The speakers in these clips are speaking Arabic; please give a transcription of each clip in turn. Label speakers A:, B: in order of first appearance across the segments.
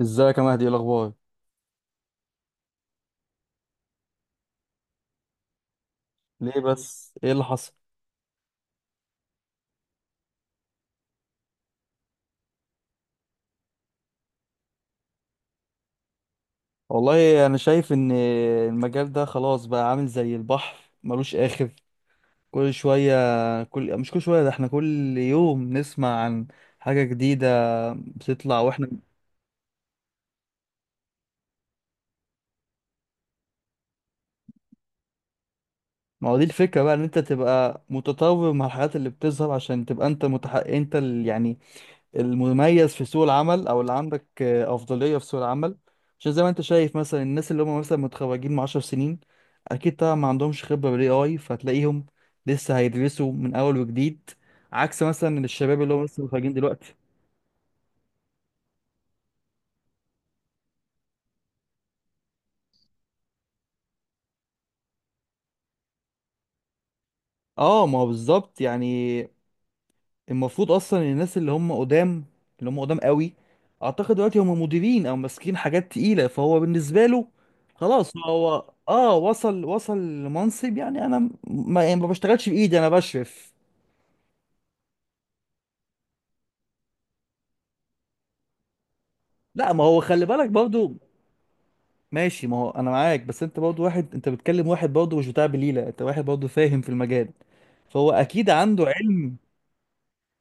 A: ازيك يا مهدي، ايه الاخبار؟ ليه بس؟ ايه اللي حصل؟ والله انا شايف ان المجال ده خلاص بقى عامل زي البحر، ملوش اخر. كل شويه كل مش كل شويه، ده احنا كل يوم نسمع عن حاجه جديده بتطلع واحنا. ما هو دي الفكره بقى، ان انت تبقى متطور مع الحاجات اللي بتظهر عشان تبقى انت متحقق، انت اللي يعني المميز في سوق العمل، او اللي عندك افضليه في سوق العمل، عشان زي ما انت شايف، مثلا الناس اللي هم مثلا متخرجين من 10 سنين اكيد طبعا ما عندهمش خبره بالاي اي، فتلاقيهم لسه هيدرسوا من اول وجديد، عكس مثلا الشباب اللي هم لسه متخرجين دلوقتي. اه، ما هو بالظبط يعني. المفروض اصلا الناس اللي هم قدام، اللي هم قدام قوي، اعتقد دلوقتي هم مديرين او ماسكين حاجات تقيله، فهو بالنسبه له خلاص هو اه وصل، وصل لمنصب، يعني انا م- ما, يعني ما بشتغلش بايدي، انا بشرف. لا، ما هو خلي بالك برضو. ماشي، ما هو انا معاك، بس انت برضو واحد، انت بتكلم واحد برضو مش بتاع بليله، انت واحد برضو فاهم في المجال، فهو اكيد عنده علم.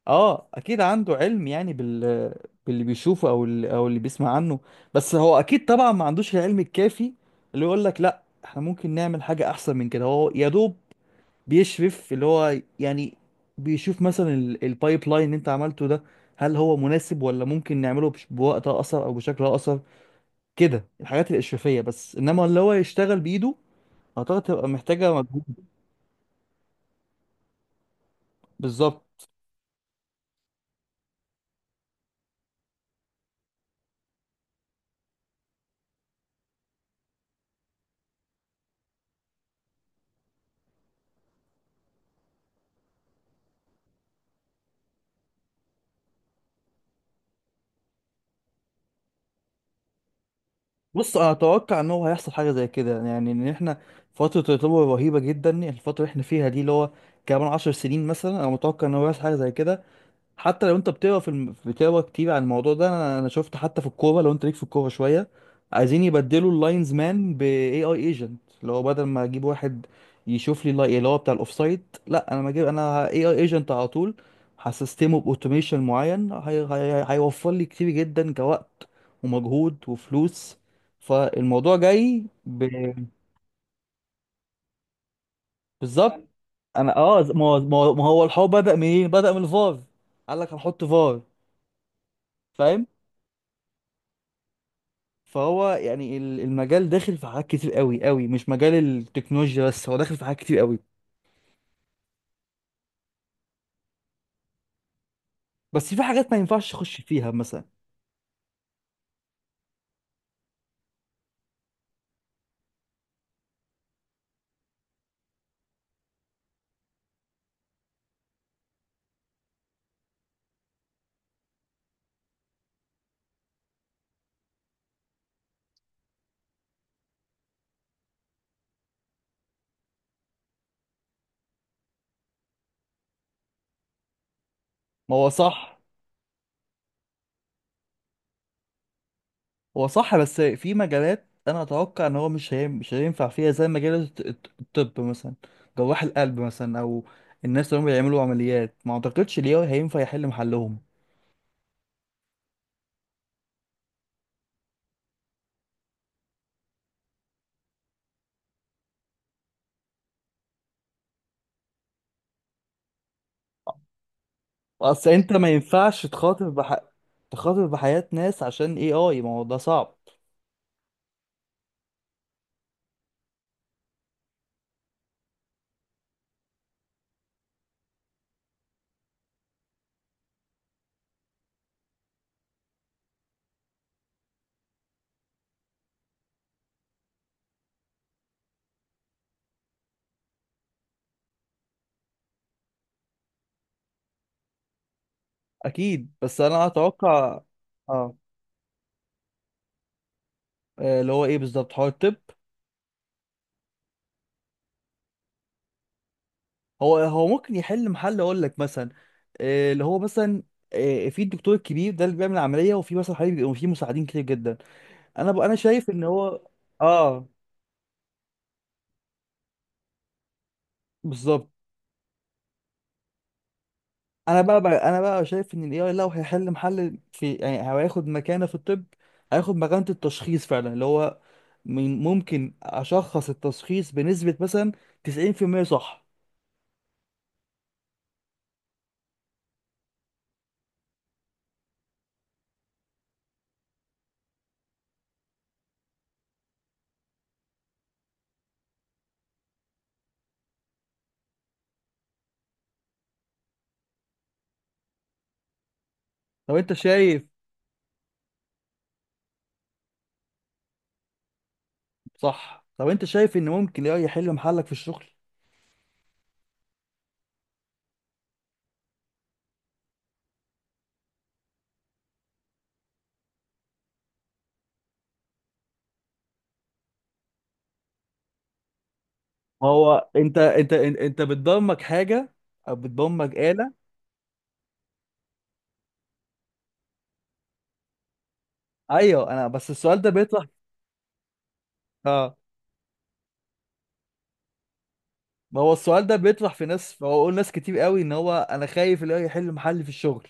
A: اه، اكيد عنده علم، يعني باللي بيشوفه، او اللي بيسمع عنه، بس هو اكيد طبعا ما عندوش العلم الكافي اللي يقول لك لا، احنا ممكن نعمل حاجة احسن من كده. هو يا دوب بيشرف، اللي هو يعني بيشوف مثلا البايب لاين اللي انت عملته ده، هل هو مناسب، ولا ممكن نعمله بوقت اقصر او بشكل اقصر، كده الحاجات الاشرافية بس، انما اللي هو يشتغل بايده اعتقد تبقى محتاجة مجهود. بالظبط. بص، انا اتوقع ان هو هيحصل حاجه زي كده، يعني ان احنا فتره الرطوبه رهيبه جدا، الفتره اللي احنا فيها دي، اللي هو كمان 10 سنين مثلا، انا متوقع ان هو هيحصل حاجه زي كده. حتى لو انت بتقرا كتير عن الموضوع ده، انا شفت حتى في الكوره، لو انت ليك في الكوره شويه، عايزين يبدلوا اللاينز مان باي اي اي ايجنت، اللي هو بدل ما اجيب واحد يشوف لي اللي هو بتاع الاوفسايد، لا انا ما اجيب، انا اي اي ايجنت على طول، هسيستمه باوتوميشن معين، هيوفر لي كتير جدا كوقت ومجهود وفلوس. فالموضوع جاي بالظبط. انا ما هو الحوار بدأ منين؟ بدأ من الفار، قال لك هنحط فار، فاهم. فهو يعني المجال داخل في حاجات كتير قوي قوي، مش مجال التكنولوجيا بس، هو داخل في حاجات كتير قوي، بس في حاجات ما ينفعش اخش فيها مثلا. ما هو صح. هو صح، بس في مجالات انا اتوقع ان هو مش هينفع فيها، زي مجال الطب مثلا، جراح القلب مثلا، او الناس اللي هم بيعملوا عمليات ما اعتقدش ليه هينفع يحل محلهم. اصل انت ما ينفعش تخاطر بحياة ناس عشان اي اي، ما هو ده صعب. اكيد، بس انا اتوقع اه اللي هو ايه بالظبط، هو الطب، هو ممكن يحل محل، اقول لك مثلا اللي هو مثلا في الدكتور الكبير ده اللي بيعمل العمليه، وفي مثلا حبيبي بيبقوا في مساعدين كتير جدا. انا شايف ان هو. اه. بالظبط. انا بقى شايف ان الاي اي لو هيحل محل في، يعني هو هياخد مكانه في الطب، هياخد مكانه التشخيص فعلا، اللي هو ممكن اشخص التشخيص بنسبه مثلا 90% صح. طب انت شايف صح طب انت شايف ان ممكن الاي اي يحل محلك في الشغل؟ ما هو انت بتضمك حاجه او بتضمك آلة. ايوه، انا بس السؤال ده بيطرح. اه ما هو السؤال ده بيطرح في ناس، فهو قول ناس كتير قوي ان هو انا خايف اللي هو يحل محل في الشغل.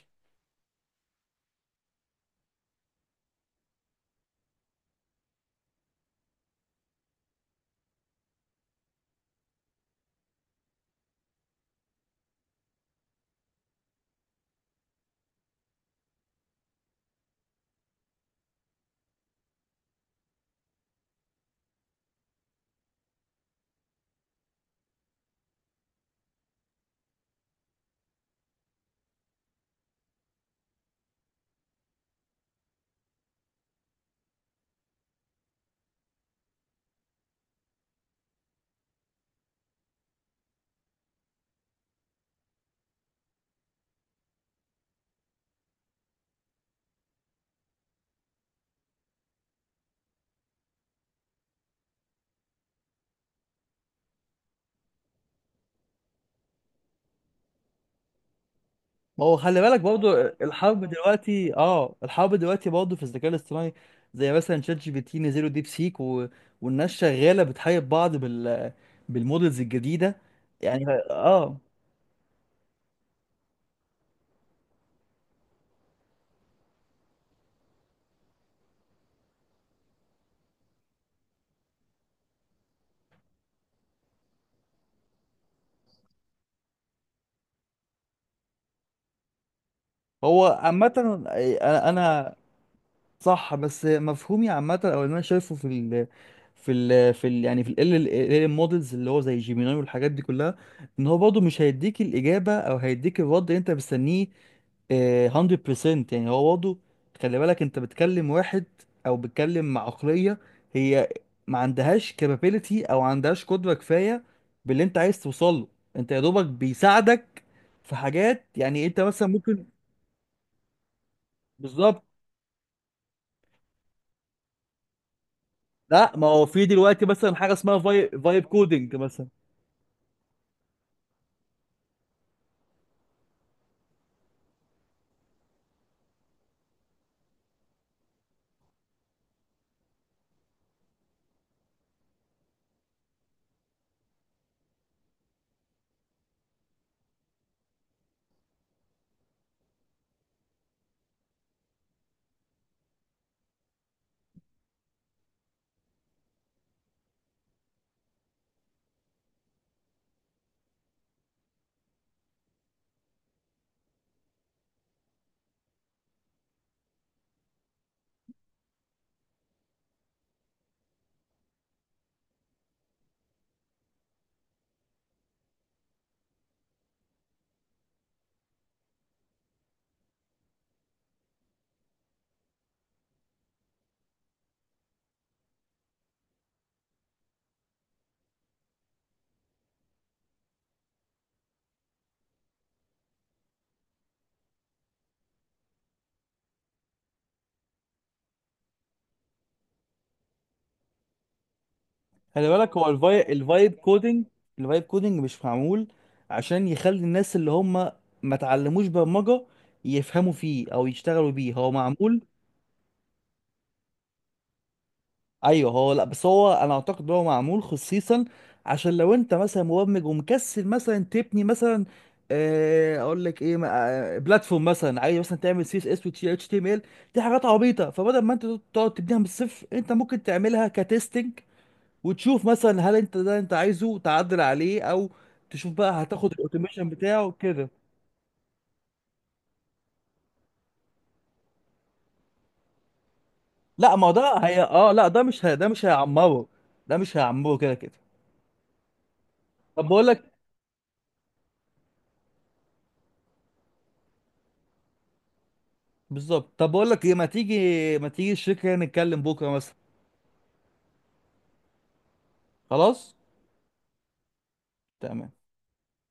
A: ما هو خلي بالك برضو، الحرب دلوقتي برضو في الذكاء الاصطناعي، زي مثلا شات جي بي تي، نزلوا ديب سيك و...، والناس شغاله بتحارب بعض بالمودلز الجديده. يعني اه هو عامه انا صح، بس مفهومي عامة او اللي انا شايفه في ال في ال في ال يعني في ال ال ال مودلز اللي هو زي جيميناي والحاجات دي كلها، ان هو برضه مش هيديك الاجابه، او هيديك الرد اللي انت مستنيه. 100%. يعني هو برضه، خلي بالك انت بتكلم واحد، او بتكلم مع عقليه هي ما عندهاش كابابيلتي، او ما عندهاش قدره كفايه باللي انت عايز توصله، انت يا دوبك بيساعدك في حاجات، يعني انت مثلا ممكن. بالظبط. لا، ما هو في دلوقتي مثلا حاجه اسمها فايب كودنج مثلا. خلي بالك هو الفايب كودنج مش معمول عشان يخلي الناس اللي هم ما اتعلموش برمجه يفهموا فيه او يشتغلوا بيه، هو معمول. ايوه هو، لا، بس هو انا اعتقد هو معمول خصيصا عشان لو انت مثلا مبرمج ومكسل مثلا تبني مثلا اقول لك ايه، بلاتفورم مثلا، عايز مثلا تعمل سي اس اس وتي اتش تي ام ال، دي حاجات عبيطه، فبدل ما انت تقعد تبنيها من الصفر، انت ممكن تعملها كتستنج، وتشوف مثلا هل انت ده انت عايزه تعدل عليه، او تشوف بقى هتاخد الاوتوميشن بتاعه كده. لا ما هو ده هي اه لا، ده مش هي... ده مش هيعمره، ده مش هيعمره كده كده. طب بقول لك بالظبط. طب بقول لك ايه، ما تيجي الشركه نتكلم بكره مثلا. خلاص. تمام.